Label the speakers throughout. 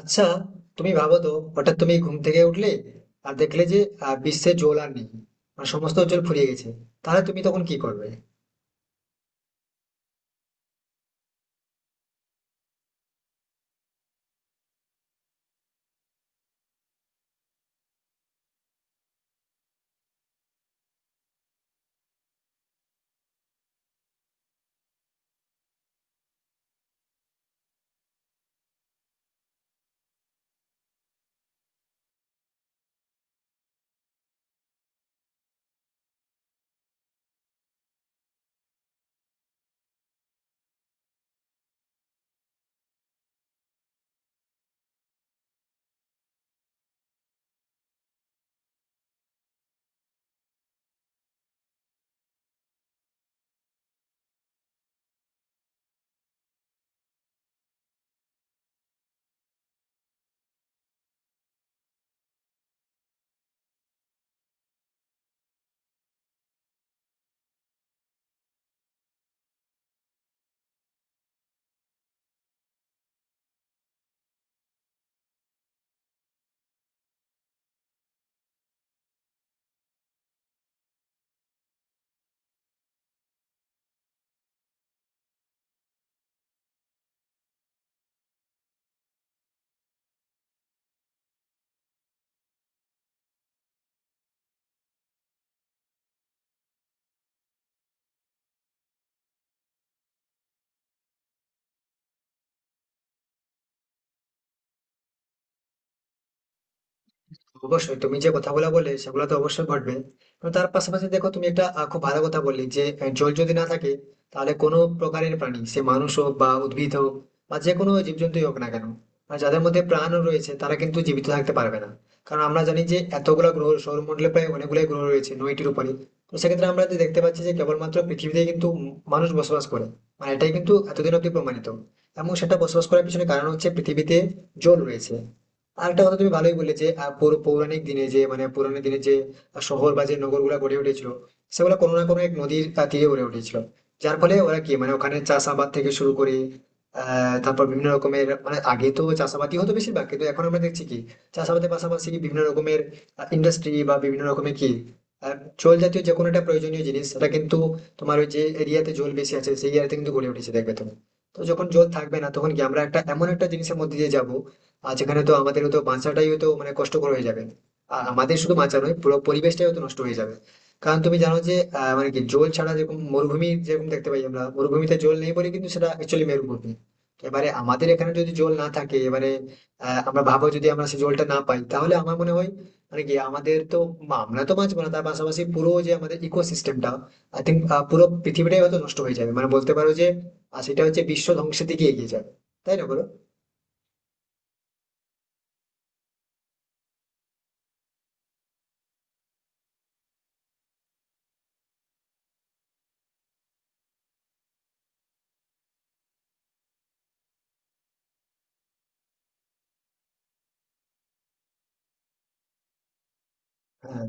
Speaker 1: আচ্ছা, তুমি ভাবো তো, হঠাৎ তুমি ঘুম থেকে উঠলে আর দেখলে যে বিশ্বে জল আর নেই। মানে সমস্ত জল ফুরিয়ে গেছে। তাহলে তুমি তখন কি করবে? অবশ্যই তুমি যে কথাগুলো বললে সেগুলো তো অবশ্যই ঘটবে। তো তার পাশাপাশি দেখো, তুমি একটা খুব ভালো কথা বললে যে জল যদি না থাকে, তাহলে কোনো প্রকারের প্রাণী, সে মানুষ হোক বা উদ্ভিদ হোক বা যে কোনো জীবজন্তুই হোক না কেন, আর যাদের মধ্যে প্রাণ রয়েছে তারা কিন্তু জীবিত থাকতে পারবে না। কারণ আমরা জানি যে এতগুলো গ্রহ সৌরমণ্ডলে, প্রায় অনেকগুলো গ্রহ রয়েছে নয়টির উপরে। তো সেক্ষেত্রে আমরা যে দেখতে পাচ্ছি যে কেবলমাত্র পৃথিবীতে কিন্তু মানুষ বসবাস করে। মানে এটাই কিন্তু এতদিন অব্দি প্রমাণিত। এবং সেটা বসবাস করার পিছনে কারণ হচ্ছে পৃথিবীতে জল রয়েছে। আরেকটা কথা তুমি ভালোই বললে যে পৌরাণিক দিনে যে, মানে পুরানো দিনে যে শহর বা যে নগরগুলো গড়ে উঠেছিল, সেগুলো কোনো না কোনো এক নদীর তীরে গড়ে উঠেছিল। যার ফলে ওরা কি, মানে ওখানে চাষাবাদ থেকে শুরু করে তারপর বিভিন্ন রকমের, মানে আগে তো চাষাবাদই হতো বেশিরভাগ, কিন্তু এখন আমরা দেখছি কি, চাষাবাদের পাশাপাশি বিভিন্ন রকমের ইন্ডাস্ট্রি বা বিভিন্ন রকমের কি, আহ, জল জাতীয় যে কোনো একটা প্রয়োজনীয় জিনিস সেটা কিন্তু তোমার ওই যে এরিয়াতে জল বেশি আছে সেই এরিয়াতে কিন্তু গড়ে উঠেছে, দেখবে তুমি। তো যখন জল থাকবে না তখন কি আমরা একটা এমন একটা জিনিসের মধ্যে দিয়ে যাবো, আর যেখানে তো আমাদের হয়তো বাঁচাটাই হয়তো মানে কষ্টকর হয়ে যাবে। আর আমাদের শুধু বাঁচা নয়, পুরো পরিবেশটাই হয়তো নষ্ট হয়ে যাবে। কারণ তুমি জানো যে মানে কি, জল ছাড়া যেরকম মরুভূমি যেরকম দেখতে পাই আমরা, মরুভূমিতে জল নেই বলে কিন্তু সেটা অ্যাকচুয়ালি মরুভূমি। তো এবারে আমাদের এখানে যদি জল না থাকে এবারে, আমরা ভাবো যদি আমরা সেই জলটা না পাই, তাহলে আমার মনে হয় মানে কি আমাদের তো, আমরা তো বাঁচবো না। তার পাশাপাশি পুরো যে আমাদের ইকোসিস্টেমটা, আই থিঙ্ক পুরো পৃথিবীটাই হয়তো নষ্ট হয়ে যাবে, মানে বলতে পারো যে, আর সেটা হচ্ছে বিশ্ব ধ্বংসের দিকে এগিয়ে যাবে। তাই না, বলো? হ্যাঁ,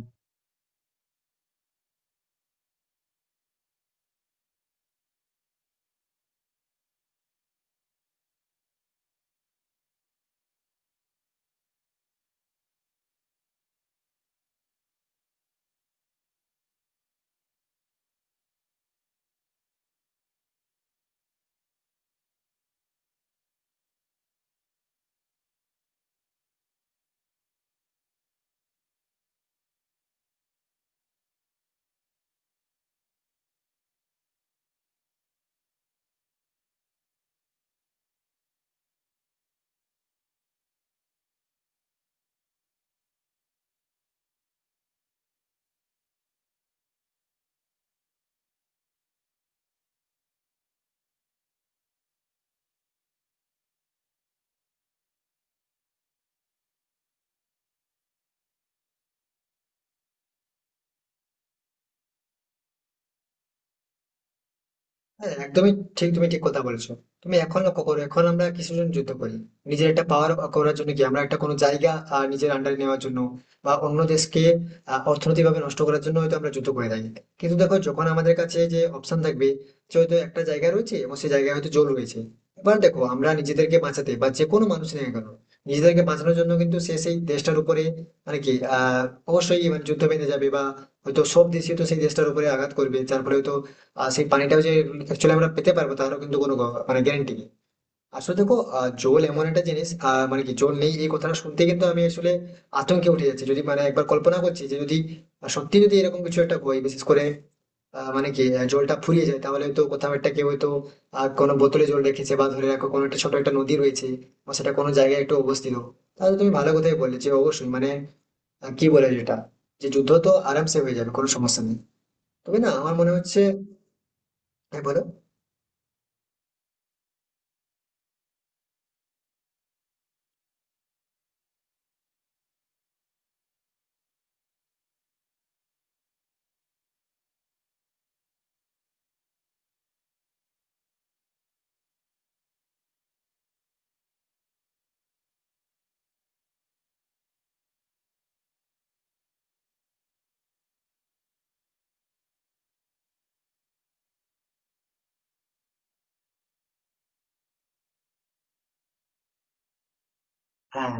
Speaker 1: হ্যাঁ, একদমই ঠিক। তুমি ঠিক কথা বলেছো। তুমি এখন লক্ষ্য করো, এখন আমরা কিছুর জন্য যুদ্ধ করি। নিজের একটা পাওয়ার করার জন্য কি আমরা একটা কোনো জায়গা নিজের আন্ডারে নেওয়ার জন্য বা অন্য দেশকে অর্থনৈতিকভাবে নষ্ট করার জন্য হয়তো আমরা যুদ্ধ করে থাকি। কিন্তু দেখো, যখন আমাদের কাছে যে অপশন থাকবে যে হয়তো একটা জায়গা রয়েছে এবং সেই জায়গায় হয়তো জল রয়েছে, এবার দেখো আমরা নিজেদেরকে বাঁচাতে বা যে কোনো মানুষ নেই কেন, নিজেদেরকে বাঁচানোর জন্য কিন্তু সে সেই দেশটার উপরে মানে কি, অবশ্যই মানে যুদ্ধ বেঁধে যাবে, বা হয়তো সব দেশই তো সেই দেশটার উপরে আঘাত করবে যার ফলে হয়তো আর সেই পানিটাও যে অ্যাকচুয়ালি আমরা পেতে পারবো, তারও কিন্তু কোনো মানে গ্যারান্টি নেই। আসলে দেখো, জল এমন একটা জিনিস, মানে কি জল নেই এই কথাটা শুনতে কিন্তু আমি আসলে আতঙ্কে উঠে যাচ্ছি, যদি মানে একবার কল্পনা করছি যে যদি সত্যি যদি এরকম কিছু একটা হয়, বিশেষ করে মানে কি জলটা ফুরিয়ে যায়, তাহলে তো কোথাও একটা কেউ হয়তো কোনো বোতলে জল রেখেছে, বা ধরে রাখো কোনো একটা ছোট একটা নদী রয়েছে বা সেটা কোনো জায়গায় একটু অবস্থিত। তাহলে তুমি ভালো কথাই বললে যে অবশ্যই মানে, কি বলে যেটা, যে যুদ্ধ তো আরামসে হয়ে যাবে, কোনো সমস্যা নেই। তবে না, আমার মনে হচ্ছে। হ্যাঁ, বলো। হ্যাঁ,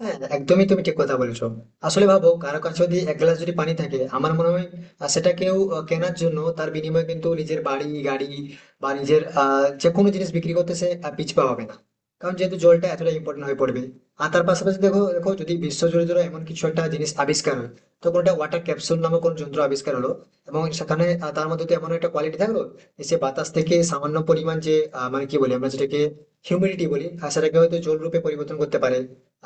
Speaker 1: হ্যাঁ, একদমই, তুমি ঠিক কথা বলেছো। আসলে ভাবো, কারো কাছে যদি এক গ্লাস যদি পানি থাকে, আমার মনে হয় সেটা কেউ কেনার জন্য তার বিনিময়ে কিন্তু নিজের বাড়ি গাড়ি বা নিজের যে কোনো জিনিস বিক্রি করতে সে পিছপা হবে না। কারণ যেহেতু জলটা এতটা ইম্পর্টেন্ট হয়ে পড়বে। আর তার পাশাপাশি দেখো দেখো, যদি বিশ্ব জুড়ে ধরো এমন কিছু একটা জিনিস আবিষ্কার হয়, তো কোনটা ওয়াটার ক্যাপসুল নামক কোন যন্ত্র আবিষ্কার হলো, এবং সেখানে তার মধ্যে তো এমন একটা কোয়ালিটি থাকলো যে সে বাতাস থেকে সামান্য পরিমাণ যে মানে কি বলি আমরা যেটাকে হিউমিডিটি বলি, আর সেটাকে হয়তো জল রূপে পরিবর্তন করতে পারে।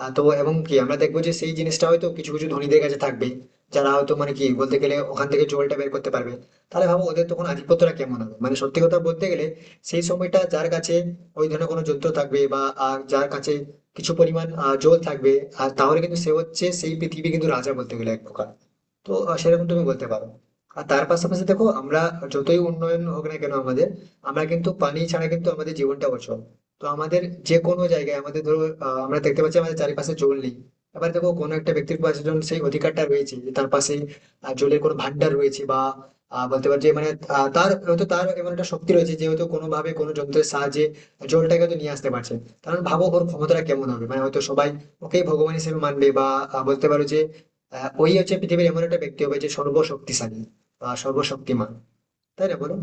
Speaker 1: তো এবং কি আমরা দেখবো যে সেই জিনিসটা হয়তো কিছু কিছু ধনীদের কাছে থাকবে, যারা হয়তো মানে কি বলতে গেলে ওখান থেকে জলটা বের করতে পারবে। তাহলে ভাবো ওদের তখন আধিপত্যটা কেমন হবে, মানে সত্যি কথা বলতে গেলে। সেই সময়টা যার কাছে ওই ধরনের কোনো যন্ত্র থাকবে বা যার কাছে কিছু পরিমাণ জল থাকবে, আর তাহলে কিন্তু সে হচ্ছে সেই পৃথিবী কিন্তু রাজা বলতে গেলে এক প্রকার। তো সেরকম তুমি বলতে পারো। আর তার পাশাপাশি দেখো, আমরা যতই উন্নয়ন হোক না কেন আমাদের, আমরা কিন্তু পানি ছাড়া কিন্তু আমাদের জীবনটা অচল। তো আমাদের যে কোনো জায়গায় আমাদের ধরো, আমরা দেখতে পাচ্ছি আমাদের চারিপাশে জল নেই। এবার দেখো কোনো একটা ব্যক্তির পাশে যখন সেই অধিকারটা রয়েছে যে তার পাশে জলের কোনো ভান্ডার রয়েছে, বা বলতে পারছি মানে, তার হয়তো তার এমন একটা শক্তি রয়েছে যে হয়তো কোনো ভাবে কোনো যন্ত্রের সাহায্যে জলটাকে হয়তো নিয়ে আসতে পারছে। কারণ ভাবো ওর ক্ষমতাটা কেমন হবে, মানে হয়তো সবাই ওকেই ভগবান হিসেবে মানবে, বা বলতে পারো যে ওই হচ্ছে পৃথিবীর এমন একটা ব্যক্তি হবে যে সর্বশক্তিশালী বা সর্বশক্তিমান। তাই না, বলো?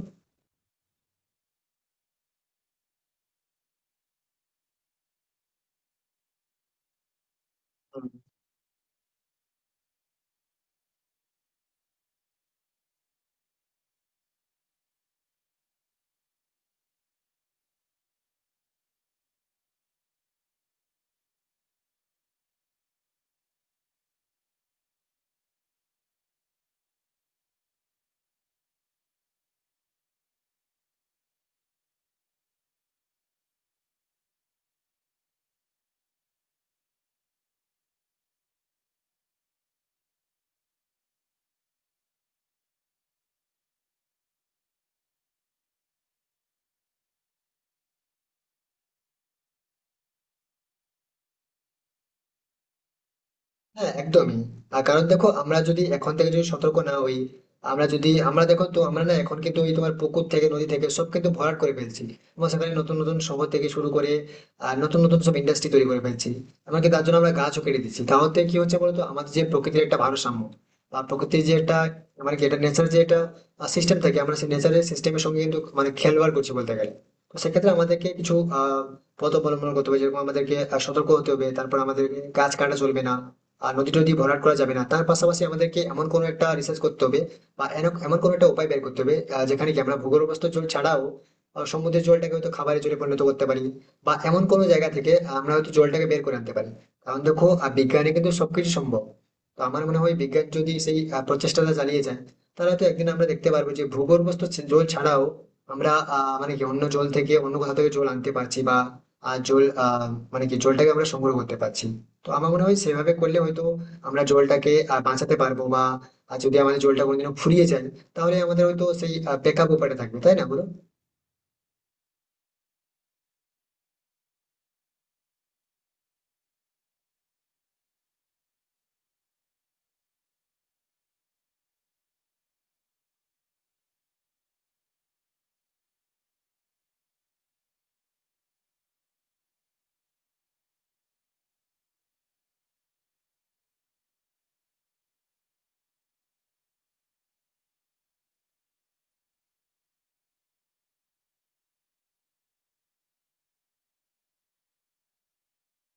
Speaker 1: হ্যাঁ, একদমই। তার কারণ দেখো, আমরা যদি এখন থেকে যদি সতর্ক না হই, আমরা দেখো তো, আমরা না এখন কিন্তু ওই তোমার পুকুর থেকে নদী থেকে সব কিন্তু ভরাট করে ফেলছি, এবং সেখানে নতুন নতুন শহর থেকে শুরু করে আর নতুন নতুন সব ইন্ডাস্ট্রি তৈরি করে ফেলছি। এমনকি তার জন্য আমরা গাছও কেটে দিচ্ছি। তাহলে কি হচ্ছে বলতো আমাদের, যে প্রকৃতির একটা ভারসাম্য বা প্রকৃতির যে একটা, মানে কি এটা নেচার যে একটা সিস্টেম থাকে, আমরা সেই নেচারের সিস্টেমের সঙ্গে কিন্তু মানে খেলবাড় করছি বলতে গেলে। তো সেক্ষেত্রে আমাদেরকে কিছু পথ অবলম্বন করতে হবে, যেরকম আমাদেরকে সতর্ক হতে হবে, তারপর আমাদেরকে গাছ কাটা চলবে না, আর নদী টদী ভরাট করা যাবে না। তার পাশাপাশি আমাদেরকে এমন কোনো একটা রিসার্চ করতে হবে বা এমন কোনো একটা উপায় বের করতে হবে যেখানে কি আমরা ভূগর্ভস্থ জল ছাড়াও সমুদ্রের জলটাকে হয়তো খাবারের জলে পরিণত করতে পারি, বা এমন কোনো জায়গা থেকে আমরা হয়তো জলটাকে বের করে আনতে পারি। কারণ দেখো, বিজ্ঞানে কিন্তু সবকিছু সম্ভব। তো আমার মনে হয় বিজ্ঞান যদি সেই প্রচেষ্টাটা চালিয়ে যায়, তাহলে তো একদিন আমরা দেখতে পারবো যে ভূগর্ভস্থ জল ছাড়াও আমরা মানে কি অন্য জল থেকে অন্য কোথাও থেকে জল আনতে পারছি, বা মানে কি জলটাকে আমরা সংগ্রহ করতে পারছি। তো আমার মনে হয় সেভাবে করলে হয়তো আমরা জলটাকে বাঁচাতে পারবো, বা যদি আমাদের জলটা কোনোদিনও ফুরিয়ে যায়, তাহলে আমাদের হয়তো সেই ব্যাকআপ উপায়টা থাকবে। তাই না, বলো?